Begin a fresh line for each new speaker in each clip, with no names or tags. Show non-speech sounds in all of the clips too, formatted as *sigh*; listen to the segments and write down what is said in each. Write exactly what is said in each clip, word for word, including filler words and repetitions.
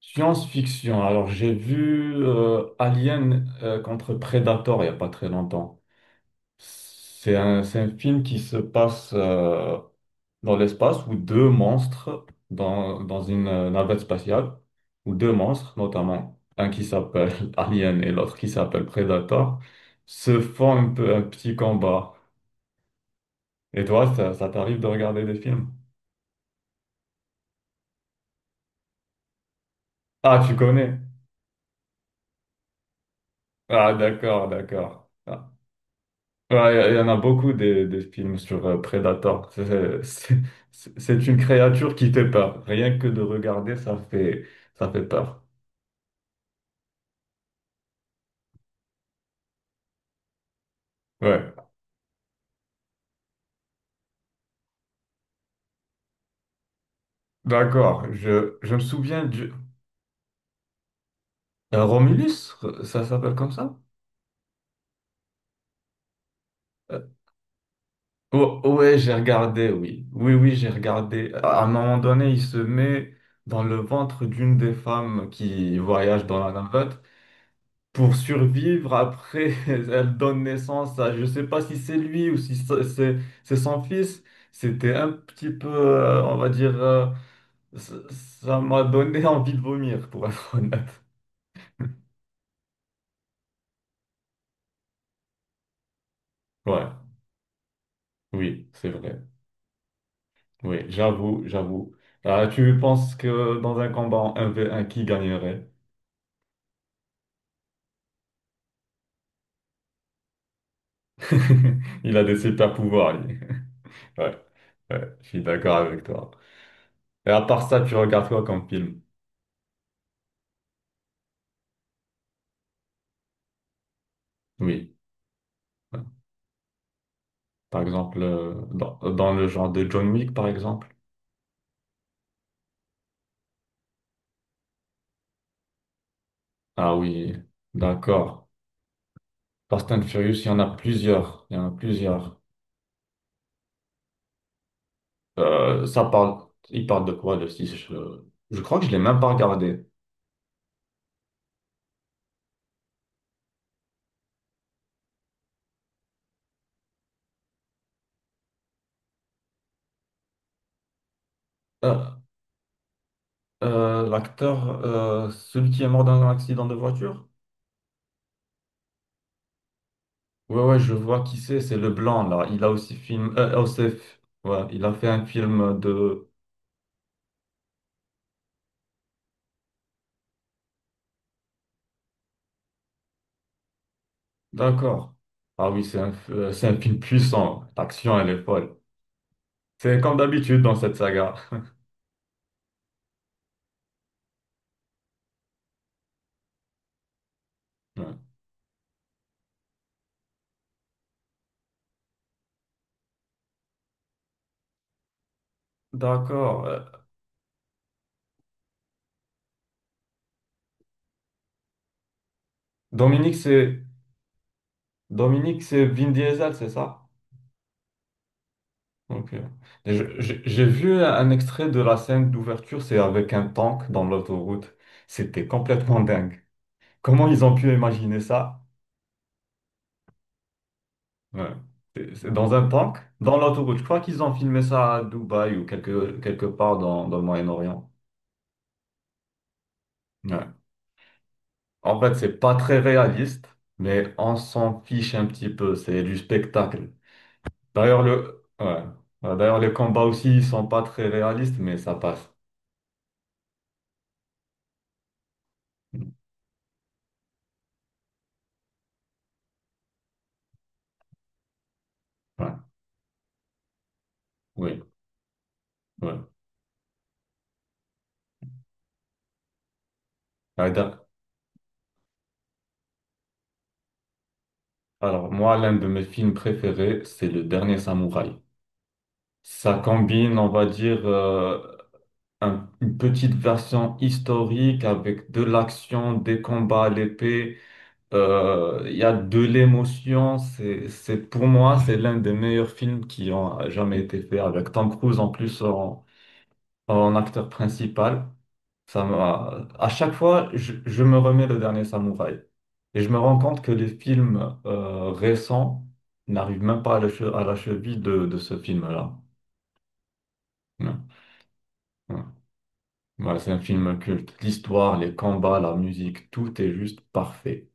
Science-fiction. Alors, j'ai vu euh, Alien euh, contre Predator il n'y a pas très longtemps. C'est un, c'est un film qui se passe euh, dans l'espace où deux monstres, dans, dans une euh, navette spatiale, où deux monstres, notamment un qui s'appelle *laughs* Alien et l'autre qui s'appelle Predator, se font un peu un petit combat. Et toi, ça, ça t'arrive de regarder des films? Ah, tu connais? Ah, d'accord, d'accord. Ah, ouais, il y en a beaucoup des, des films sur euh, Predator. C'est c'est- c'est- c'est une créature qui fait peur. Rien que de regarder, ça fait, ça fait peur. Ouais, d'accord. Je, je me souviens du... euh, Romulus, ça s'appelle comme ça? Euh, oh, ouais, j'ai regardé, oui. Oui, oui, j'ai regardé. À un moment donné, il se met dans le ventre d'une des femmes qui voyage dans la navette pour survivre. Après, *laughs* elle donne naissance à, je sais pas si c'est lui ou si c'est c'est- c'est son fils. C'était un petit peu, euh, on va dire, euh, ça ça m'a donné *laughs* envie de vomir, pour être honnête. Ouais, oui, c'est vrai. Oui, j'avoue, j'avoue. Ah, tu penses que dans un combat en un V un, qui gagnerait? *laughs* Il a des super pouvoirs, lui. *laughs* Ouais, ouais, je suis d'accord avec toi. Et à part ça, tu regardes quoi comme film? Oui. Par exemple, euh, dans, dans le genre de John Wick, par exemple. Ah oui, d'accord. Fast and Furious, il y en a plusieurs. Il y en a plusieurs. Euh, ça parle, il parle de quoi, le six? Je, je crois que je l'ai même pas regardé. Euh, euh, l'acteur, euh, celui qui est mort dans un accident de voiture? Ouais, ouais, je vois qui c'est, c'est le blanc, là. Il a aussi film, euh, aussi- f- ouais, il a fait un film de... D'accord. Ah oui, c'est un, f- euh, c'est un film puissant. L'action, elle est folle. C'est comme d'habitude dans cette saga. Ouais. D'accord. Euh, Dominique, c'est Dominique, c'est Vin Diesel, c'est ça? Donc, euh, je- je- j'ai vu un extrait de la scène d'ouverture, c'est avec un tank dans l'autoroute. C'était complètement dingue. Comment ils ont pu imaginer ça? Ouais. C'est c'est dans un tank, dans l'autoroute. Je crois qu'ils ont filmé ça à Dubaï ou quelque, quelque part dans, dans le Moyen-Orient. Ouais. En fait, c'est pas très réaliste, mais on s'en fiche un petit peu. C'est du spectacle. D'ailleurs, le, ouais. Ouais, d'ailleurs, les combats aussi, ils sont pas très réalistes, mais ça passe. Ouais, oui, ouais. Ouais, d'a- Alors, moi, l'un de mes films préférés, c'est Le Dernier Samouraï. Ça combine, on va dire, euh, un- une petite version historique avec de l'action, des combats à l'épée. Euh, Il y a de l'émotion. C'est, c'est, pour moi, c'est l'un des meilleurs films qui ont jamais été faits, avec Tom Cruise en plus en en acteur principal. Ça m'a... À chaque fois, je, je me remets le dernier samouraï. Et je me rends compte que les films euh, récents n'arrivent même pas à la, che- à la cheville de, de ce film-là. Non, non. Voilà, c'est un film culte. L'histoire, les combats, la musique, tout est juste parfait.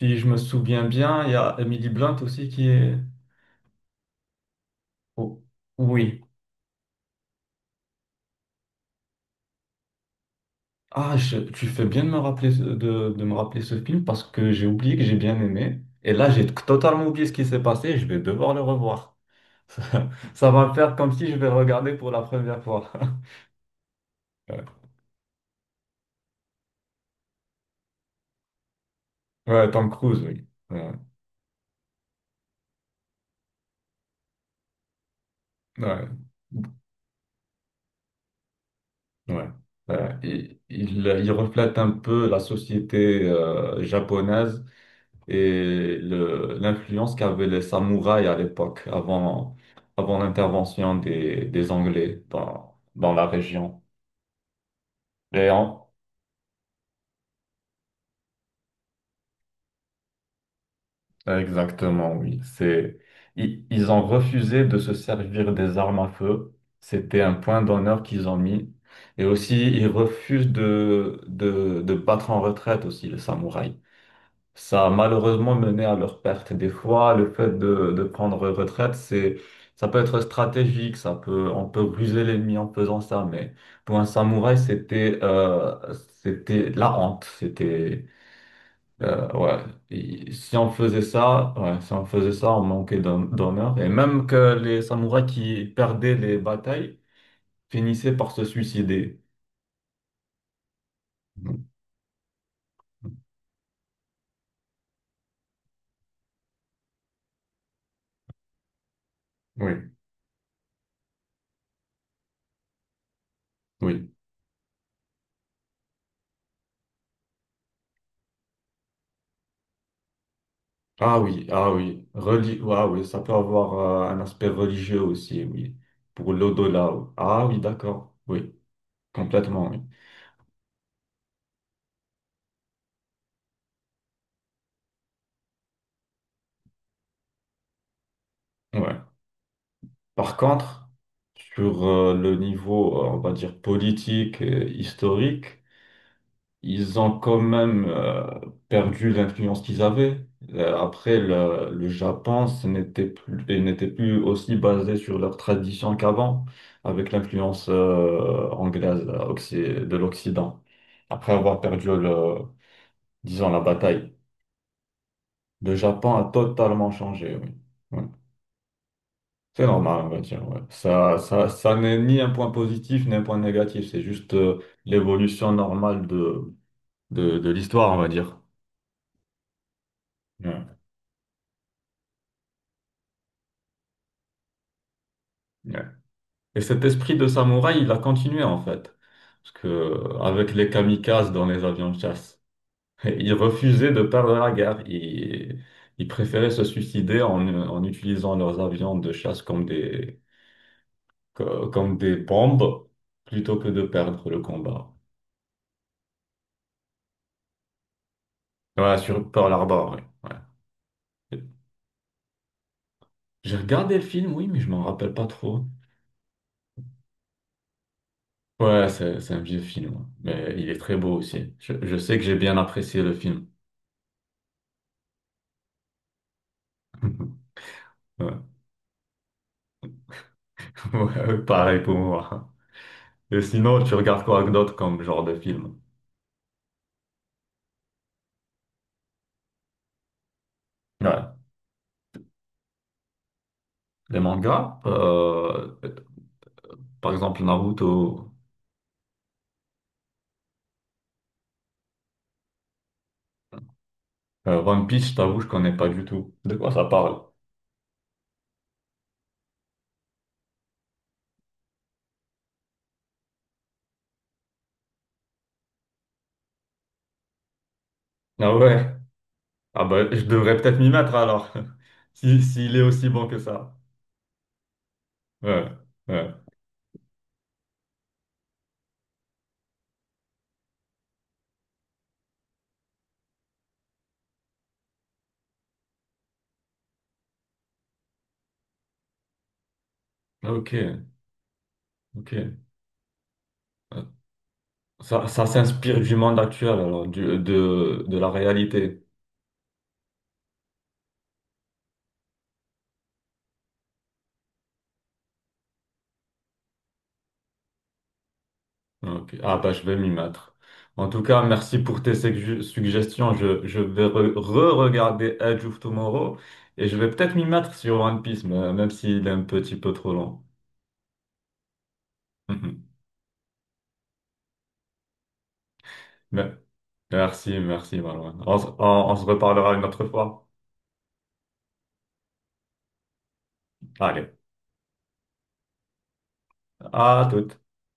Si je me souviens bien, il y a Emily Blunt aussi qui est... Oh, oui. Ah, je- tu fais bien de me rappeler, ce- de, de me rappeler ce film parce que j'ai oublié que j'ai bien aimé. Et là, j'ai totalement oublié ce qui s'est passé et je vais devoir le revoir. *laughs* Ça, ça va me faire comme si je vais le regarder pour la première fois. *laughs* Ouais, ouais, Tom Cruise, oui. Ouais, ouais, ouais. Ouais. Il, il- il reflète un peu la société euh, japonaise, et le- l'influence qu'avaient les samouraïs à l'époque, avant, avant l'intervention des, des Anglais dans, dans la région. Et en- exactement, oui. C'est, ils, ils ont refusé de se servir des armes à feu. C'était un point d'honneur qu'ils ont mis. Et aussi, ils refusent de, de, de battre en retraite aussi, les samouraïs. Ça a malheureusement mené à leur perte. Des fois, le fait de, de prendre retraite, c'est, ça peut être stratégique, ça peut, on peut ruser l'ennemi en faisant ça, mais pour un samouraï, c'était, euh, c'était la honte. C'était, euh, ouais. Et si on faisait ça, ouais, si on faisait ça, on manquait d'hon- d'honneur. Et même que les samouraïs qui perdaient les batailles finissaient par se suicider. Oui, oui. Ah oui, ah oui, Reli- ah oui, ça peut avoir euh, un aspect religieux aussi, oui, pour l'au-delà. Oui. Ah oui, d'accord, oui, complètement, oui. Ouais. Par contre, sur euh, le niveau, euh, on va dire, politique et historique, ils ont quand même euh, perdu l'influence qu'ils avaient. Euh, Après, le, le Japon, ce n'était plus, et n'était plus aussi basé sur leur tradition qu'avant, avec l'influence euh, anglaise euh, occ- de l'Occident. Après avoir perdu le, disons, la bataille, le Japon a totalement changé, oui. Oui. C'est normal, on va dire. Ouais. Ça, ça, ça n'est ni un point positif ni un point négatif. C'est juste euh, l'évolution normale de, de, de l'histoire, on va dire. Ouais. Ouais. Et cet esprit de samouraï, il a continué en fait. Parce que, euh, avec les kamikazes dans les avions de chasse, *laughs* il refusait de perdre la guerre. Il, il préférait se suicider en, euh, en utilisant leurs avions de chasse comme des, co- comme des bombes plutôt que de perdre le combat. Ouais, sur Pearl Harbor, ouais. Ouais. J'ai regardé le film, oui, mais je m'en rappelle pas trop. Ouais, c'est, c'est un vieux film, ouais, mais il est très beau aussi. Je, je sais que j'ai bien apprécié le film. *laughs* Ouais, *laughs* ouais, pareil pour moi. Et sinon, tu regardes quoi d'autre comme genre de film? Ouais. Les mangas, euh, par exemple Naruto, euh, One Piece, je t'avoue, je connais pas du tout. De quoi ça parle? Ah ouais? Ah bah, je devrais peut-être m'y mettre alors. *laughs* Si, s'il est aussi bon que ça. Ouais, ouais. Ok, ok. Ça, ça s'inspire du monde actuel, alors, du, de, de la réalité. Ok. Ah bah je vais m'y mettre. En tout cas, merci pour tes sugg- suggestions. Je, je vais re- re-regarder Edge of Tomorrow et je vais peut-être m'y mettre sur One Piece, mais- même s'il est un petit peu trop long. *laughs* Mais- merci, merci Marouane. On, s- on on se reparlera une autre fois. Allez, à toute.